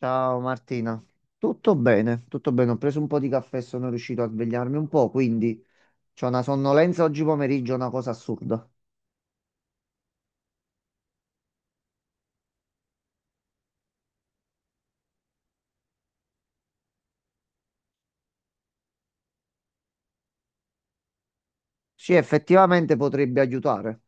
Ciao Martina, tutto bene, tutto bene. Ho preso un po' di caffè e sono riuscito a svegliarmi un po', quindi c'ho una sonnolenza oggi pomeriggio, una cosa assurda. Sì, effettivamente potrebbe aiutare.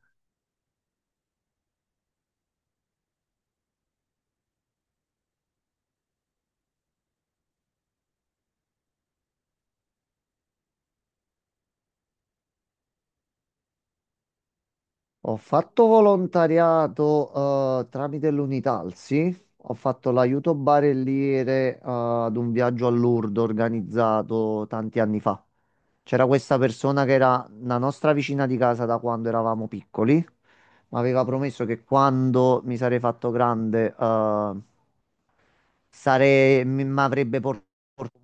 Ho fatto volontariato tramite l'Unità, sì. Ho fatto l'aiuto barelliere ad un viaggio a Lourdes organizzato tanti anni fa. C'era questa persona che era la nostra vicina di casa da quando eravamo piccoli. Mi aveva promesso che quando mi sarei fatto grande, mi avrebbe portato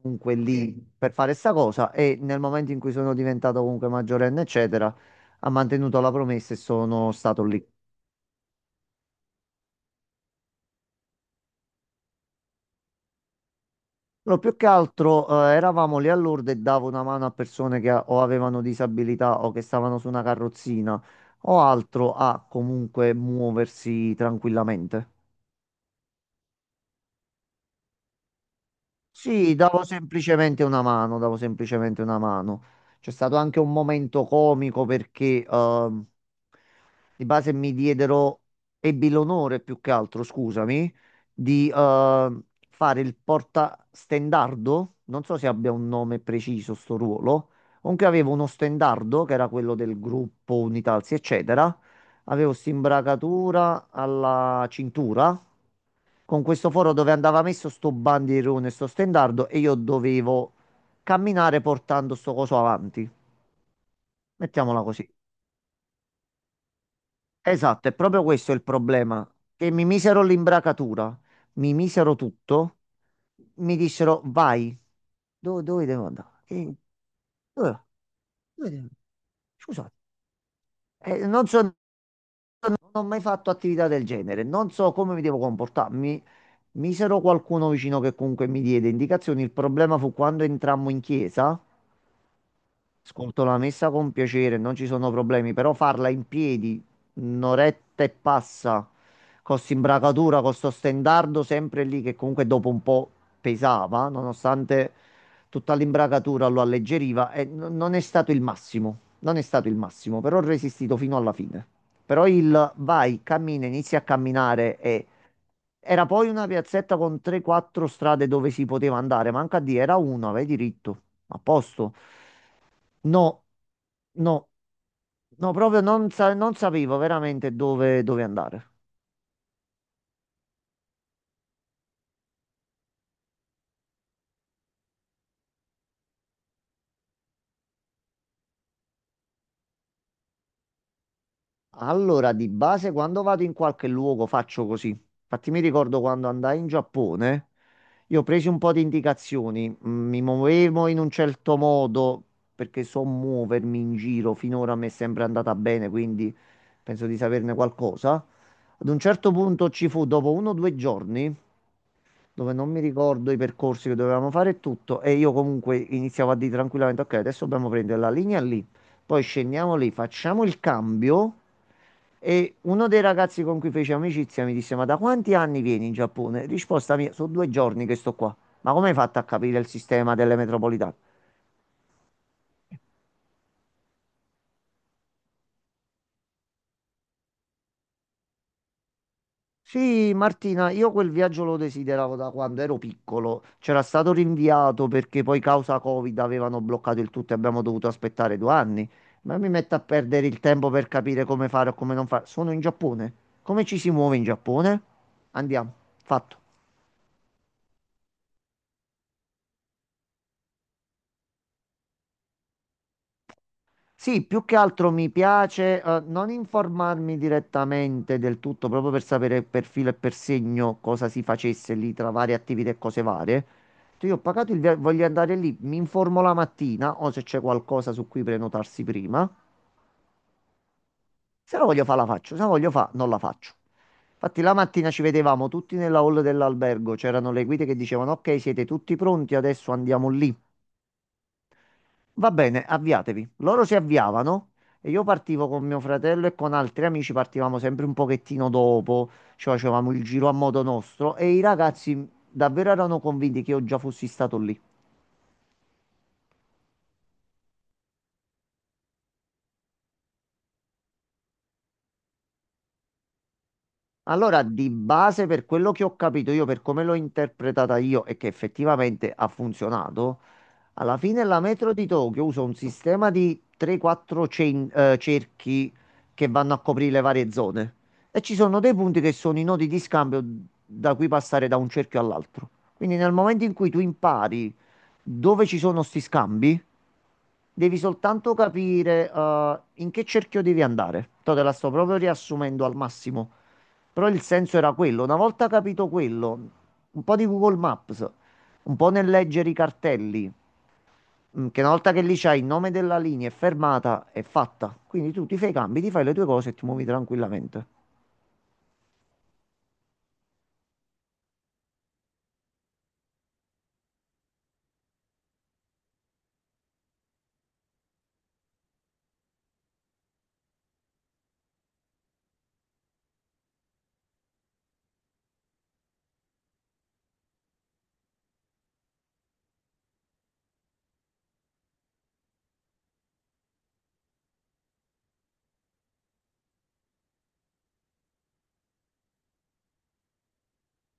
comunque lì per fare sta cosa e nel momento in cui sono diventato comunque maggiorenne, eccetera, ha mantenuto la promessa e sono stato lì. No, più che altro eravamo lì a Lourdes e davo una mano a persone che o avevano disabilità o che stavano su una carrozzina o altro a comunque muoversi tranquillamente. Sì, davo semplicemente una mano, davo semplicemente una mano. C'è stato anche un momento comico perché di base mi diedero, ebbi l'onore più che altro, scusami, di fare il portastendardo. Non so se abbia un nome preciso sto ruolo. Comunque avevo uno stendardo che era quello del gruppo Unitalsi, eccetera. Avevo st'imbracatura alla cintura con questo foro dove andava messo sto bandierone, sto stendardo e io dovevo camminare portando sto coso avanti. Mettiamola così. Esatto, è proprio questo il problema. Che mi misero l'imbracatura, mi misero tutto, mi dissero vai, dove devo andare? Dove, dove devo- Scusate, non so, non ho mai fatto attività del genere, non so come mi devo comportarmi. Misero qualcuno vicino che comunque mi diede indicazioni. Il problema fu quando entrammo in chiesa. Ascolto la messa con piacere, non ci sono problemi, però farla in piedi, un'oretta e passa, con s'imbracatura, con sto stendardo sempre lì che comunque dopo un po' pesava, nonostante tutta l'imbracatura lo alleggeriva, e non è stato il massimo, non è stato il massimo, però ho resistito fino alla fine. Però il vai, cammina, inizi a camminare e era poi una piazzetta con 3-4 strade dove si poteva andare, manca a dire, era una, vai diritto, a posto. No, no, no, proprio non sapevo veramente dove andare. Allora, di base, quando vado in qualche luogo faccio così. Infatti, mi ricordo quando andai in Giappone, io ho preso un po' di indicazioni, mi muovevo in un certo modo perché so muovermi in giro, finora mi è sempre andata bene, quindi penso di saperne qualcosa. Ad un certo punto ci fu, dopo 1 o 2 giorni, dove non mi ricordo i percorsi che dovevamo fare e tutto, e io comunque iniziavo a dire tranquillamente, ok, adesso dobbiamo prendere la linea lì, poi scendiamo lì, facciamo il cambio. E uno dei ragazzi con cui feci amicizia mi disse: ma da quanti anni vieni in Giappone? Risposta mia: sono 2 giorni che sto qua. Ma come hai fatto a capire il sistema delle metropolitane? Sì, Martina, io quel viaggio lo desideravo da quando ero piccolo. C'era stato rinviato perché poi causa Covid avevano bloccato il tutto e abbiamo dovuto aspettare 2 anni. Ma mi metto a perdere il tempo per capire come fare o come non fare. Sono in Giappone. Come ci si muove in Giappone? Andiamo, fatto. Sì, più che altro mi piace non informarmi direttamente del tutto, proprio per sapere per filo e per segno cosa si facesse lì tra varie attività e cose varie. Cioè, io ho pagato il voglio andare lì, mi informo la mattina o se c'è qualcosa su cui prenotarsi prima. Se la voglio fa la faccio, se la voglio fa non la faccio. Infatti la mattina ci vedevamo tutti nella hall dell'albergo, c'erano le guide che dicevano ok, siete tutti pronti, adesso andiamo lì. Va bene, avviatevi. Loro si avviavano e io partivo con mio fratello e con altri amici, partivamo sempre un pochettino dopo, ci facevamo il giro a modo nostro e i ragazzi davvero erano convinti che io già fossi stato lì. Allora, di base, per quello che ho capito io, per come l'ho interpretata io e che effettivamente ha funzionato, alla fine la metro di Tokyo usa un sistema di 3-4 cerchi che vanno a coprire le varie zone e ci sono dei punti che sono i nodi di scambio da cui passare da un cerchio all'altro. Quindi nel momento in cui tu impari dove ci sono sti scambi, devi soltanto capire in che cerchio devi andare. Te la sto proprio riassumendo al massimo, però il senso era quello. Una volta capito quello, un po' di Google Maps, un po' nel leggere i cartelli. Che una volta che lì c'hai il nome della linea è fermata, è fatta. Quindi tu ti fai i cambi, ti fai le tue cose e ti muovi tranquillamente.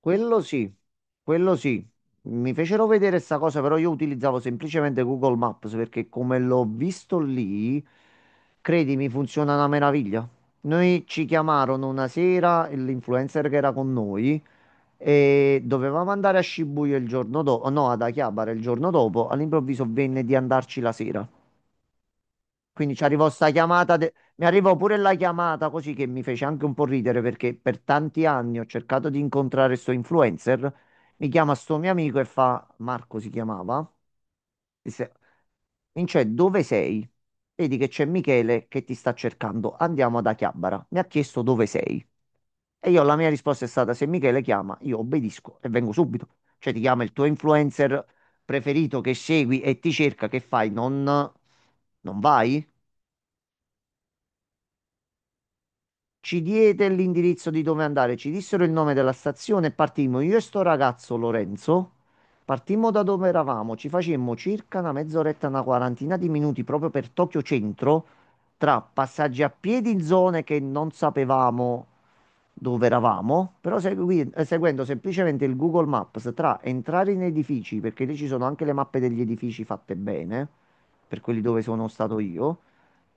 Quello sì, quello sì. Mi fecero vedere sta cosa, però io utilizzavo semplicemente Google Maps perché come l'ho visto lì, credimi, funziona una meraviglia. Noi ci chiamarono una sera, e l'influencer che era con noi, e dovevamo andare a Shibuya il giorno dopo, no, ad Akihabara il giorno dopo, all'improvviso venne di andarci la sera. Quindi ci arrivò sta chiamata, mi arrivò pure la chiamata così che mi fece anche un po' ridere perché per tanti anni ho cercato di incontrare sto influencer. Mi chiama sto mio amico e fa, Marco si chiamava, disse, Vince, dove sei? Vedi che c'è Michele che ti sta cercando, andiamo da Chiabara. Mi ha chiesto dove sei. E io la mia risposta è stata, se Michele chiama, io obbedisco e vengo subito. Cioè ti chiama il tuo influencer preferito che segui e ti cerca, che fai? Non vai? Ci diede l'indirizzo di dove andare, ci dissero il nome della stazione e partimmo. Io e sto ragazzo Lorenzo partimmo da dove eravamo, ci facemmo circa una mezz'oretta, una quarantina di minuti proprio per Tokyo Centro, tra passaggi a piedi in zone che non sapevamo dove eravamo, però seguendo semplicemente il Google Maps tra entrare in edifici, perché lì ci sono anche le mappe degli edifici fatte bene, per quelli dove sono stato io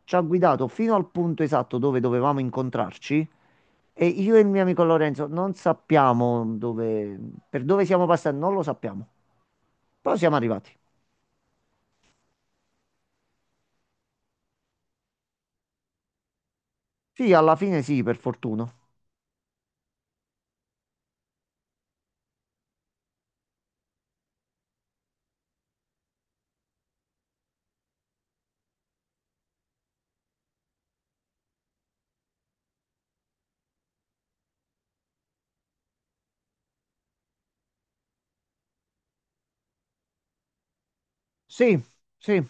ci ha guidato fino al punto esatto dove dovevamo incontrarci e io e il mio amico Lorenzo non sappiamo dove, per dove siamo passati, non lo sappiamo. Però siamo arrivati. Sì, alla fine sì, per fortuna. Sì, sì.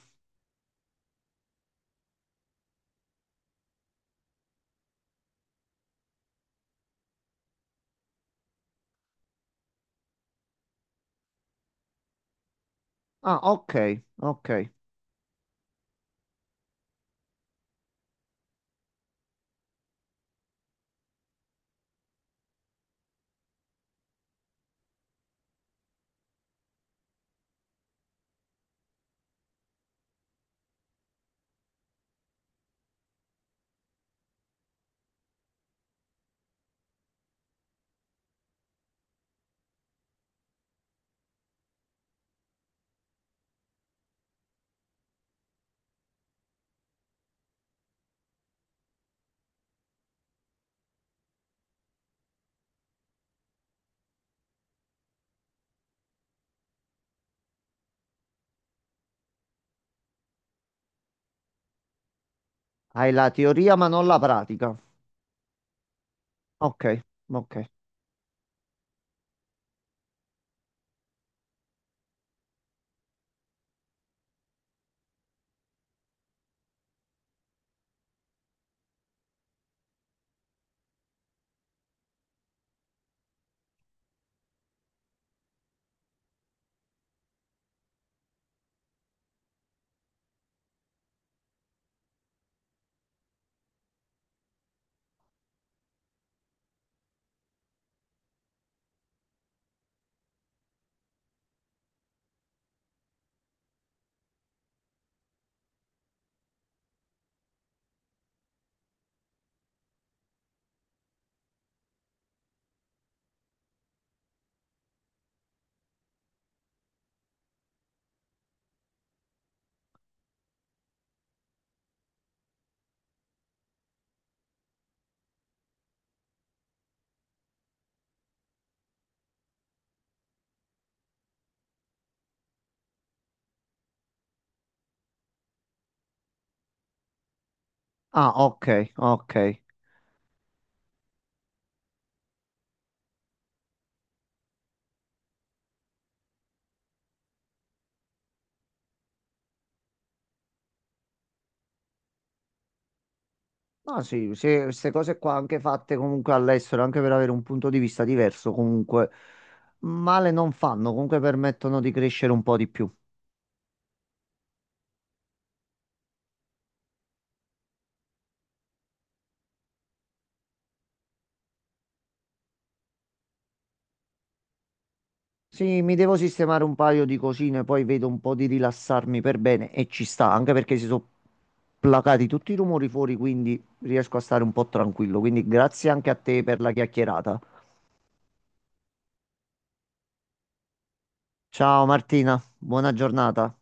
Ah, ok, ok. Hai la teoria ma non la pratica. Ok, ok. Ah, ok, ok. Ah, sì, queste cose qua anche fatte comunque all'estero, anche per avere un punto di vista diverso, comunque male non fanno, comunque permettono di crescere un po' di più. Sì, mi devo sistemare un paio di cosine, poi vedo un po' di rilassarmi per bene e ci sta, anche perché si sono placati tutti i rumori fuori, quindi riesco a stare un po' tranquillo. Quindi grazie anche a te per la chiacchierata. Ciao Martina, buona giornata.